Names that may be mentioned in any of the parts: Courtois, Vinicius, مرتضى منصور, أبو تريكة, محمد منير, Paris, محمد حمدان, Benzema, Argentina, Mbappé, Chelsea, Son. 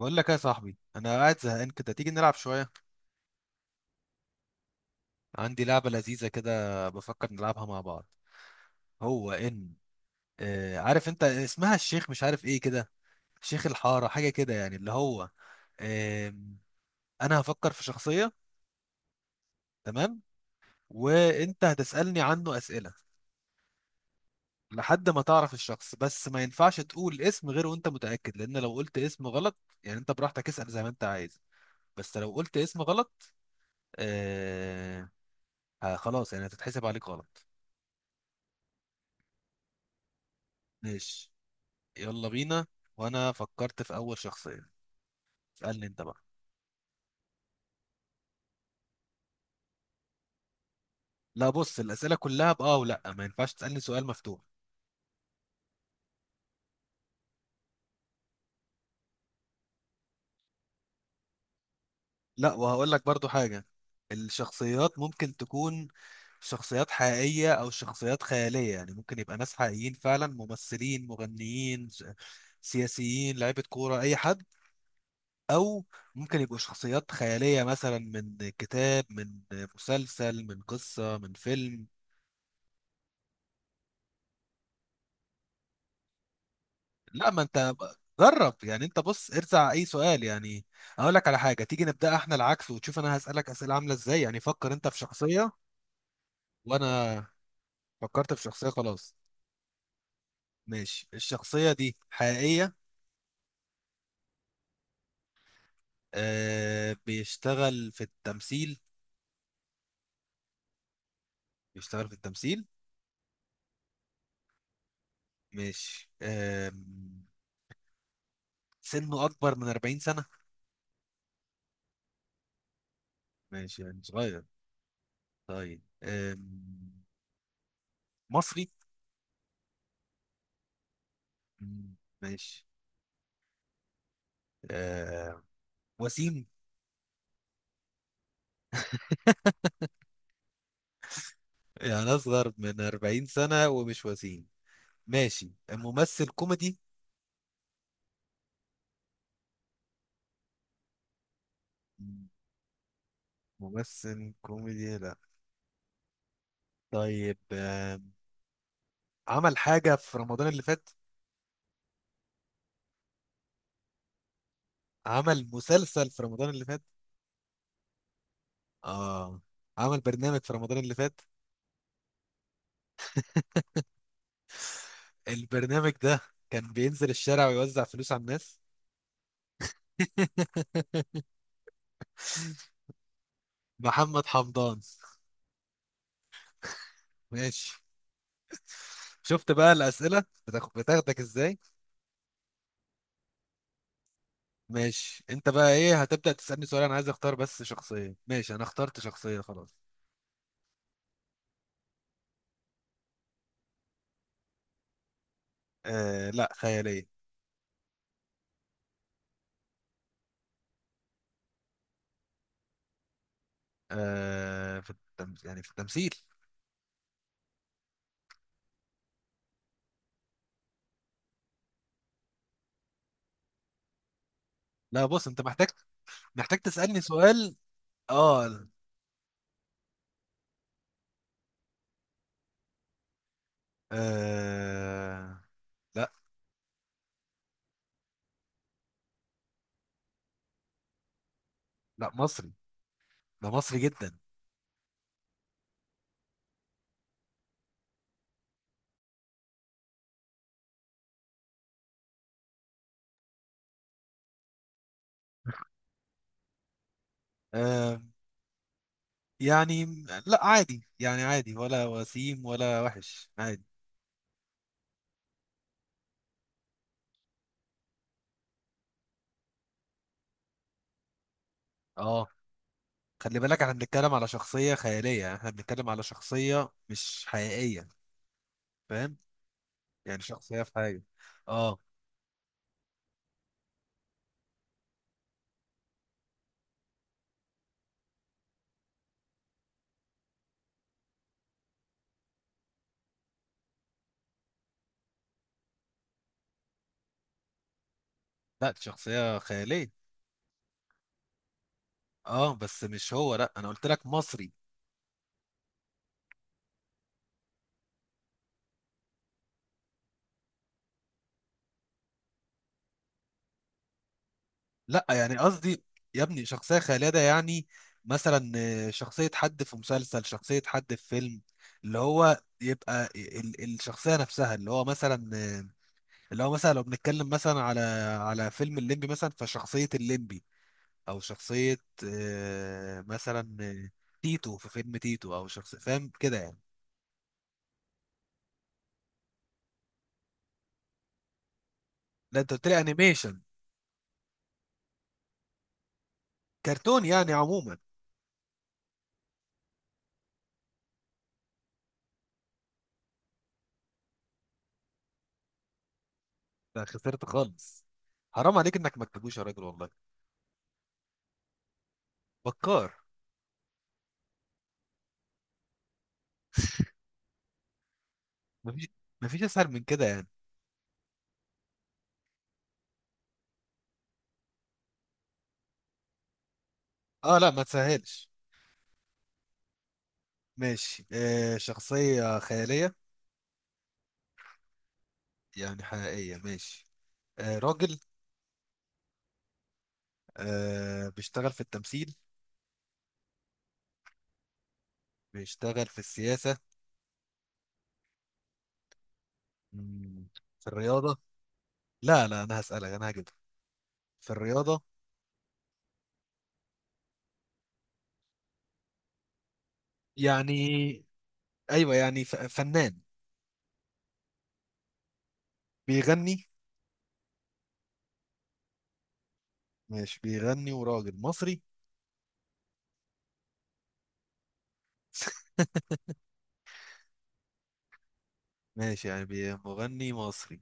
بقول لك ايه يا صاحبي، انا قاعد زهقان كده. تيجي نلعب شويه؟ عندي لعبه لذيذه كده بفكر نلعبها مع بعض. هو ان عارف انت اسمها الشيخ مش عارف ايه كده، شيخ الحاره حاجه كده يعني اللي هو. آه انا هفكر في شخصيه، تمام، وانت هتسالني عنه اسئله لحد ما تعرف الشخص. بس ما ينفعش تقول اسم غير وانت متاكد، لان لو قلت اسم غلط، يعني انت براحتك اسال زي ما انت عايز، بس لو قلت اسم غلط آه خلاص يعني هتتحسب عليك غلط. ماشي، يلا بينا. وانا فكرت في اول شخصية، اسألني انت بقى. لا بص، الأسئلة كلها بآه ولا، ما ينفعش تسألني سؤال مفتوح. لا وهقول لك برضو حاجة، الشخصيات ممكن تكون شخصيات حقيقية أو شخصيات خيالية. يعني ممكن يبقى ناس حقيقيين فعلا، ممثلين، مغنيين، سياسيين، لعيبة كورة، أي حد. أو ممكن يبقوا شخصيات خيالية مثلا من كتاب، من مسلسل، من قصة، من فيلم. لا ما انت جرب يعني، انت بص ارزع اي سؤال يعني. اقول لك على حاجه، تيجي نبدا احنا العكس وتشوف انا هسالك اسئله عامله ازاي، يعني فكر انت في شخصيه وانا فكرت في شخصيه خلاص. ماشي، الشخصيه دي حقيقيه؟ آه، بيشتغل في التمثيل؟ بيشتغل في التمثيل. ماشي، سنه اكبر من 40 سنه؟ ماشي يعني صغير. طيب، مصري؟ مم، ماشي. آه، وسيم؟ يعني أصغر من 40 سنة ومش وسيم. ماشي، ممثل كوميدي؟ مم. ممثل كوميدي لا. طيب، عمل حاجة في رمضان اللي فات؟ عمل مسلسل في رمضان اللي فات؟ اه، عمل برنامج في رمضان اللي فات. البرنامج ده كان بينزل الشارع ويوزع فلوس على الناس؟ محمد حمدان. ماشي، شفت بقى الأسئلة بتاخدك ازاي. ماشي انت بقى، ايه، هتبدأ تسألني سؤال، انا عايز اختار بس شخصية. ماشي، انا اخترت شخصية خلاص. آه لا، خيالية. آه في يعني في التمثيل. لا بص انت محتاج، محتاج تسألني سؤال. اه. آه لا لا، مصري، ده مصري جدا. آه. يعني لا، عادي يعني، عادي، ولا وسيم ولا وحش، عادي. اه. خلي بالك احنا بنتكلم على شخصية خيالية، احنا بنتكلم على شخصية مش حقيقية، فاهم؟ يعني شخصية في حاجة. اه. لا دي شخصية خيالية. اه بس مش هو، لا انا قلت لك مصري. لا يعني قصدي، يا ابني شخصية خالدة يعني. مثلا شخصية حد في مسلسل، شخصية حد في فيلم، اللي هو يبقى الشخصية نفسها، اللي هو مثلا اللي هو مثلا لو بنتكلم مثلا على فيلم الليمبي مثلا، فشخصية الليمبي، أو شخصية مثلا تيتو في فيلم تيتو، أو شخصية، فاهم كده يعني. لا أنت قلت لي أنيميشن، كرتون يعني عموما. أنت خسرت خالص، حرام عليك إنك ما تجيبوش يا راجل والله. بكار. مفيش، مفيش أسهل من كده يعني. اه لا ما تسهلش. ماشي آه، شخصية خيالية؟ يعني حقيقية، ماشي. آه راجل؟ آه، بيشتغل في التمثيل؟ بيشتغل في السياسة؟ مم، في الرياضة؟ لا لا، أنا هسألك، أنا هجيبها. في الرياضة. يعني أيوة يعني فنان؟ بيغني؟ ماشي بيغني وراجل مصري؟ ماشي يعني مغني مصري.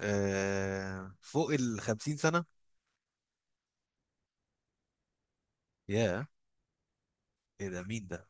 آه، فوق الخمسين سنة؟ ياه، ايه ده، مين ده؟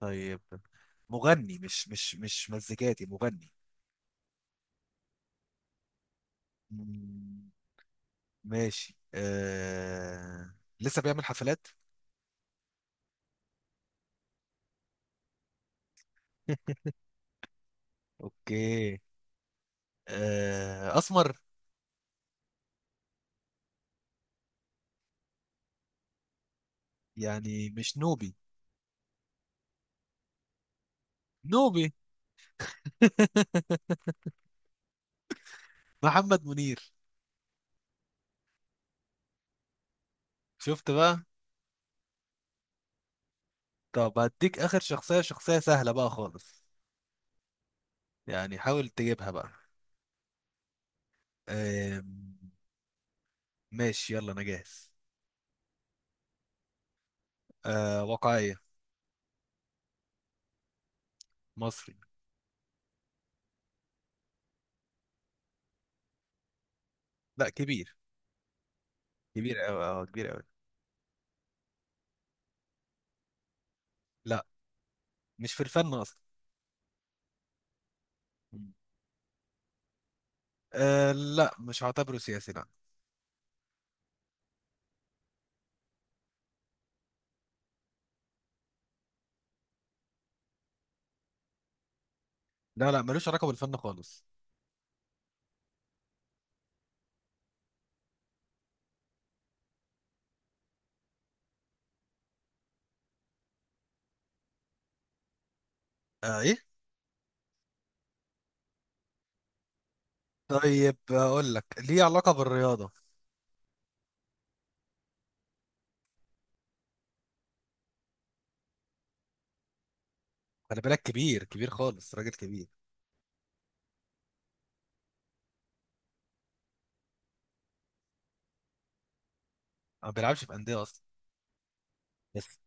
طيب، مغني مش مزيكاتي، مغني؟ مم، ماشي. لسه بيعمل حفلات؟ اوكي. اسمر؟ يعني مش نوبي؟ نوبي. محمد منير. شفت بقى. طب هديك اخر شخصية، شخصية سهلة بقى خالص، يعني حاول تجيبها بقى. آه... ماشي يلا انا جاهز. واقعية. مصري. لا كبير، كبير قوي، اه كبير قوي. لا مش في الفن اصلا. آه لا، مش هعتبره سياسي لا. لا لا، ملوش علاقة بالفن خالص. آه ايه. طيب اقول لك، ليه علاقة بالرياضة. خلي بالك كبير، كبير خالص، راجل كبير. ما بيلعبش في أندية أصلا. بس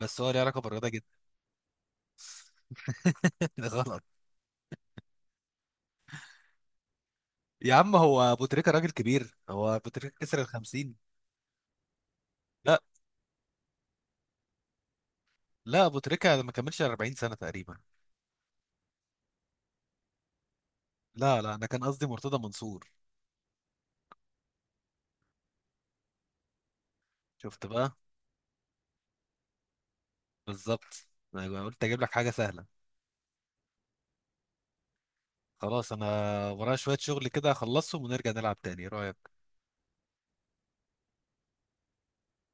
بس هو ليه علاقة بالرياضة جدا. غلط. يا عم، هو أبو تريكة راجل كبير؟ هو أبو تريكة كسر ال 50؟ لا، لا أبو تريكة ما كملش 40 سنة تقريبا. لا لا، أنا كان قصدي مرتضى منصور. شفت بقى. بالظبط، أنا قلت أجيب لك حاجة سهلة. خلاص أنا ورايا شوية شغل كده أخلصهم ونرجع نلعب تاني، إيه رأيك؟